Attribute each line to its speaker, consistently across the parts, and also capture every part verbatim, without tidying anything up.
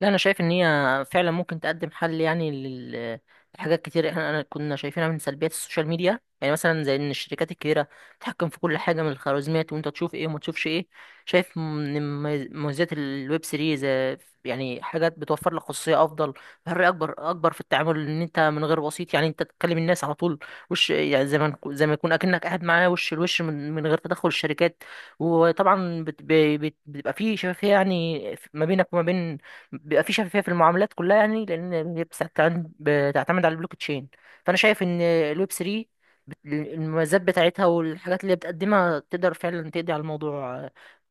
Speaker 1: لا انا شايف ان هي فعلا ممكن تقدم حل يعني لل- لحاجات كتير احنا أنا كنا شايفينها من سلبيات السوشيال ميديا، يعني مثلا زي ان الشركات الكبيره تتحكم في كل حاجه من الخوارزميات، وانت تشوف ايه وما تشوفش ايه. شايف من مميز- مميزات الويب سيريز، آه، يعني حاجات بتوفر لك خصوصيه افضل، حريه اكبر اكبر في التعامل، ان انت من غير وسيط. يعني انت تتكلم الناس على طول. وش يعني زي ما نكو- زي ما يكون اكنك قاعد معاه وش لوش من من غير تدخل الشركات. وطبعا بت- بي- بت- بتبقى في شفافية، يعني ما بينك وما بين، بيبقى في شفافية في المعاملات كلها، يعني لأن هي بتعتمد بتعتمد على البلوك تشين. فأنا شايف إن الويب ثري، بت- المميزات بتاعتها والحاجات اللي هي بتقدمها، تقدر فعلا تقضي على الموضوع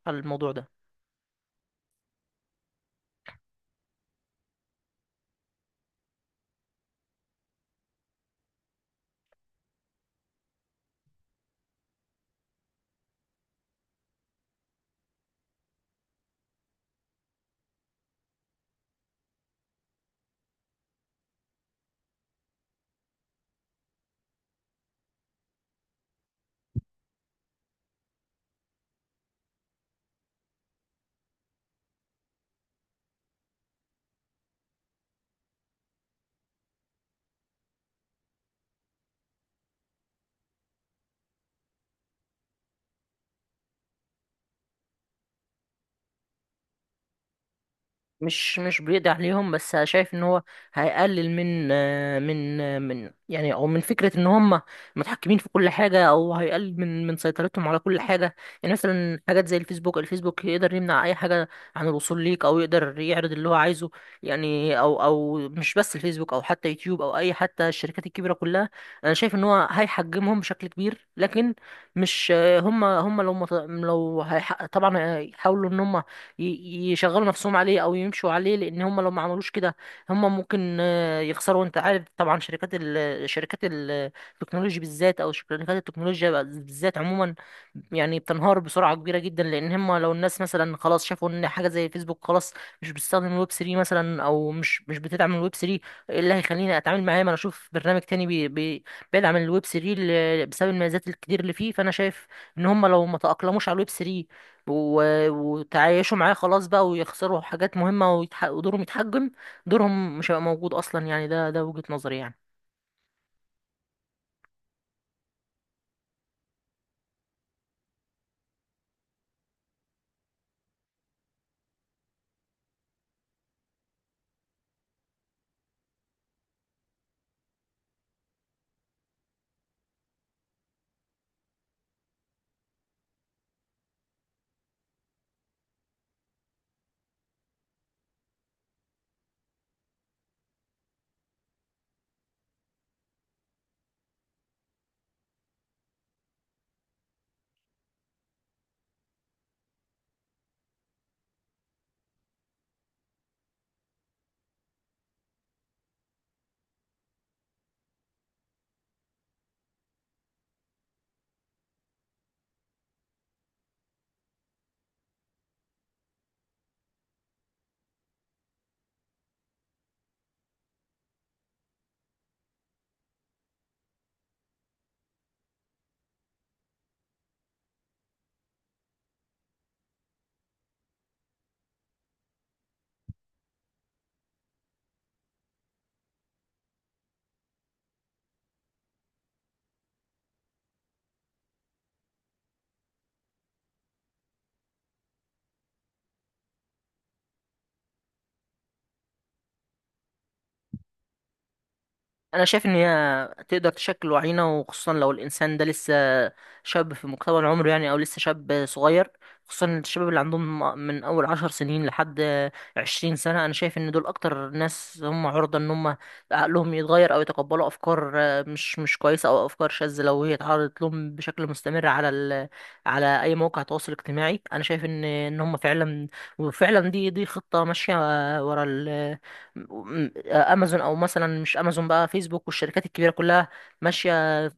Speaker 1: على الموضوع ده. مش مش بيقضي عليهم، بس شايف ان هو هيقلل من من من يعني، او من فكره ان هم متحكمين في كل حاجه، او هيقلل من من سيطرتهم على كل حاجه. يعني مثلا حاجات زي الفيسبوك الفيسبوك يقدر يمنع اي حاجه عن الوصول ليك، او يقدر يعرض اللي هو عايزه. يعني او او مش بس الفيسبوك، او حتى يوتيوب، او اي حتى الشركات الكبيره كلها، انا شايف ان هو هيحجمهم بشكل كبير. لكن مش هم هم لو مت- لو هيح- طبعا هيحاولوا ان هم ي- يشغلوا نفسهم عليه او يمشوا عليه، لان هم لو ما عملوش كده هم ممكن آه، يخسروا. انت عارف طبعا شركات ال شركات التكنولوجي بالذات، او شركات التكنولوجيا بالذات عموما، يعني بتنهار بسرعه كبيره جدا، لان هم لو الناس مثلا خلاص شافوا ان حاجه زي فيسبوك خلاص مش بتستخدم الويب ثري مثلا، او مش مش بتدعم الويب ثري، ايه اللي هيخليني اتعامل معاه؟ ما انا اشوف برنامج تاني بي بي بيدعم الويب تلاته ل- بسبب المميزات الكتير اللي فيه. فانا شايف ان هم لو ما تاقلموش على الويب تلاته وتعايشوا معاه، خلاص بقى، ويخسروا حاجات مهمة، ويتح- ودورهم يتحجم. دورهم مش هيبقى موجود أصلا، يعني ده ده وجهة نظري يعني. انا شايف ان هي تقدر تشكل وعينا، وخصوصا لو الانسان ده لسه شاب في مقتبل عمره، يعني او لسه شاب صغير. خصوصا الشباب اللي عندهم من اول عشر سنين لحد عشرين سنة، انا شايف ان دول اكتر ناس هم عرضة ان هم عقلهم يتغير، او يتقبلوا افكار مش مش كويسة، او افكار شاذة، لو هي اتعرضت لهم بشكل مستمر على ال... على اي موقع تواصل اجتماعي. انا شايف ان ان هم فعلا، وفعلا دي دي خطة ماشية ورا م- امازون، او مثلا مش امازون بقى، فيسبوك والشركات الكبيره كلها، ماشيه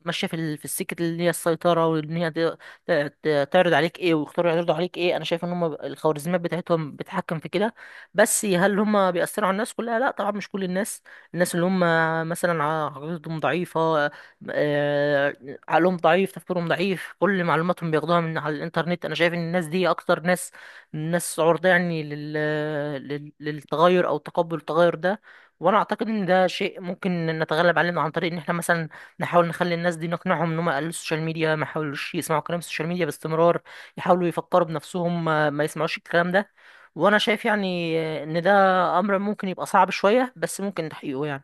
Speaker 1: ماشيه في ال- في السكه اللي هي السيطره، وان هي ت- ت- ت- تعرض عليك ايه، ويختاروا يعرضوا عليك ايه. انا شايف ان هم الخوارزميات بتاعتهم بتتحكم في كده. بس هل هم بيأثروا على الناس كلها؟ لا طبعا، مش كل الناس. الناس اللي هم مثلا ع- عقليتهم ضعيفه، آه، عقلهم ضعيف، تفكيرهم ضعيف، كل معلوماتهم بياخدوها من على الانترنت، انا شايف ان الناس دي اكتر ناس، الناس عرضة يعني لل... لل... للتغير، او تقبل التغير ده. وانا اعتقد ان ده شيء ممكن نتغلب عليه، عن طريق ان احنا مثلا نحاول نخلي الناس دي نقنعهم ان هم يقللوا السوشيال ميديا، ما يحاولوش يسمعوا كلام السوشيال ميديا باستمرار، يحاولوا يفكروا بنفسهم، ما ما يسمعوش الكلام ده. وانا شايف يعني ان ده امر ممكن يبقى صعب شوية، بس ممكن تحقيقه يعني.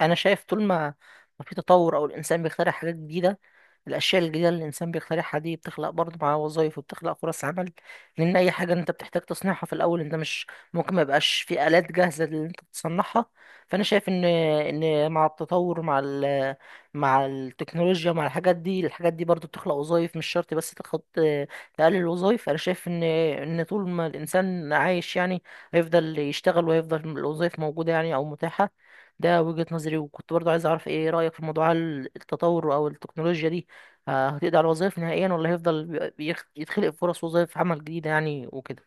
Speaker 1: انا شايف طول ما ما في تطور، او الانسان بيخترع حاجات جديدة، الاشياء الجديده اللي الانسان بيخترعها دي بتخلق برضه معاه وظايف، وبتخلق فرص عمل. لان اي حاجه انت بتحتاج تصنيعها في الاول، انت مش ممكن ما يبقاش في الات جاهزه اللي انت تصنعها. فانا شايف ان ان مع التطور، مع ال مع التكنولوجيا، مع الحاجات دي، الحاجات دي برضه بتخلق وظايف، مش شرط بس تاخد، تقلل الوظايف. انا شايف ان ان طول ما الانسان عايش يعني هيفضل يشتغل، وهيفضل الوظايف موجوده يعني، او متاحه. ده وجهة نظري. وكنت برضو عايز اعرف ايه رأيك في موضوع التطور او التكنولوجيا دي، ه- هتقضي على الوظائف نهائيا، ولا هيفضل بي- بيخ- يتخلق فرص وظائف عمل جديدة يعني وكده؟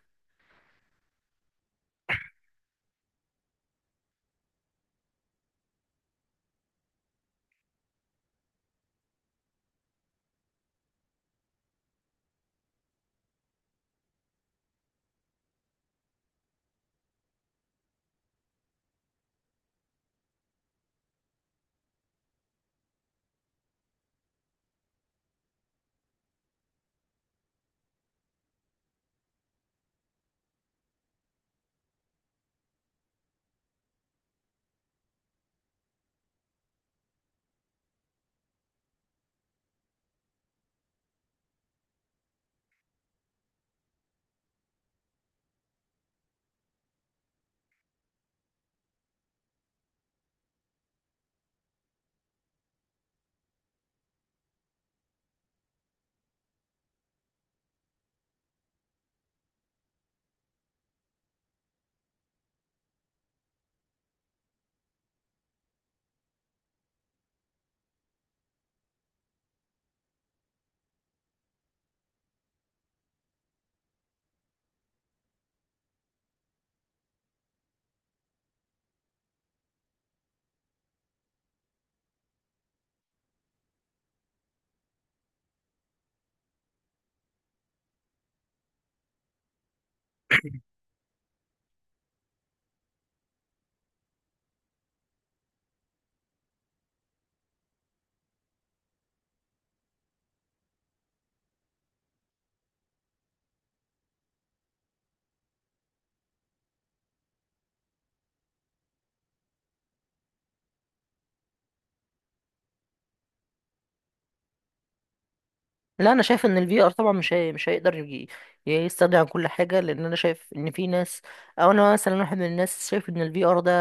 Speaker 1: لا انا شايف ان الفي ار طبعا مش هي... مش هيقدر يجي يستغني عن كل حاجه. لان انا شايف ان في ناس، او انا مثلا واحد من الناس، شايف ان الفي ار ده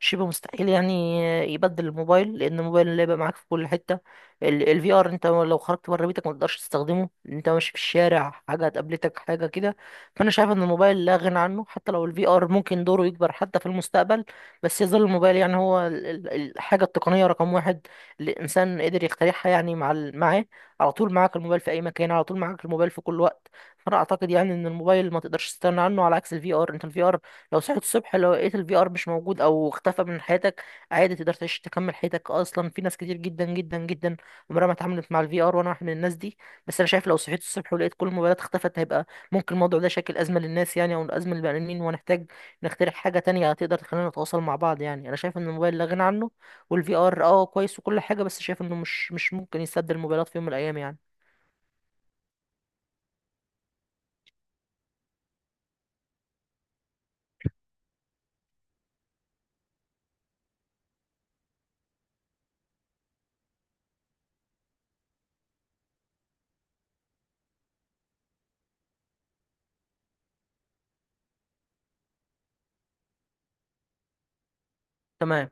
Speaker 1: شبه مستحيل يعني يبدل الموبايل. لان الموبايل اللي هيبقى معاك في كل حته، الفي ار انت لو خرجت بره بيتك ما تقدرش تستخدمه، انت ماشي في الشارع حاجه قابلتك حاجه كده. فانا شايف ان الموبايل لا غنى عنه، حتى لو الفي ار ممكن دوره يكبر حتى في المستقبل، بس يظل الموبايل يعني هو ال- ال- الحاجه التقنيه رقم واحد اللي الانسان قدر يخترعها يعني، مع ال- معاه. على طول معاك الموبايل في اي مكان، على طول معاك الموبايل في كل وقت. فانا اعتقد يعني ان الموبايل ما تقدرش تستغنى عنه، على عكس الفي ار. انت الفي ار لو صحيت الصبح لو لقيت الفي ار مش موجود او اختفى من حياتك، عادي تقدر تعيش تكمل حياتك. اصلا في ناس كتير جدا جدا جدا عمرها ما اتعاملت مع الفي ار، وانا واحد من الناس دي. بس انا شايف لو صحيت الصبح ولقيت كل الموبايلات اختفت، هيبقى ممكن الموضوع ده شكل ازمه للناس يعني، او ازمه للبني ادمين، وهنحتاج نخترع حاجه تانية تقدر تخلينا نتواصل مع بعض. يعني انا شايف ان الموبايل لا غنى عنه، والفي ار اه كويس وكل حاجه، بس شايف انه مش مش ممكن يسد الموبايلات في يوم من الايام يعني. تمام.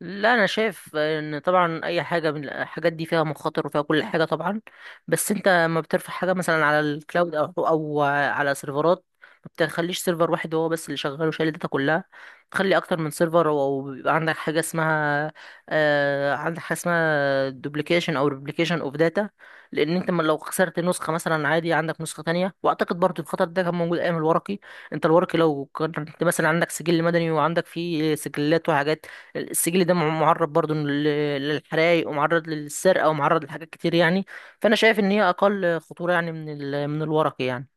Speaker 1: لا انا شايف ان طبعا اي حاجه من الحاجات دي فيها مخاطر وفيها كل حاجه طبعا. بس انت ما بترفع حاجه مثلا على الكلاود، او او على سيرفرات، ما بتخليش سيرفر واحد هو بس اللي شغال وشايل الداتا كلها. تخلي اكتر من سيرفر، او بيبقى عندك حاجه اسمها، آه عندك حاجه اسمها دوبليكيشن او ريبليكيشن اوف داتا. لان انت ما لو خسرت نسخه مثلا، عادي، عندك نسخه تانية. واعتقد برضو الخطر ده كان موجود ايام الورقي. انت الورقي لو كنت مثلا عندك سجل مدني وعندك فيه سجلات وحاجات، السجل ده مع- معرض برضو لل- للحرايق، ومعرض للسرقة، ومعرض لحاجات كتير يعني. فأنا شايف إن هي أقل خطورة يعني من ال... من الورقي يعني.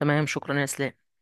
Speaker 1: تمام، شكرا يا إسلام.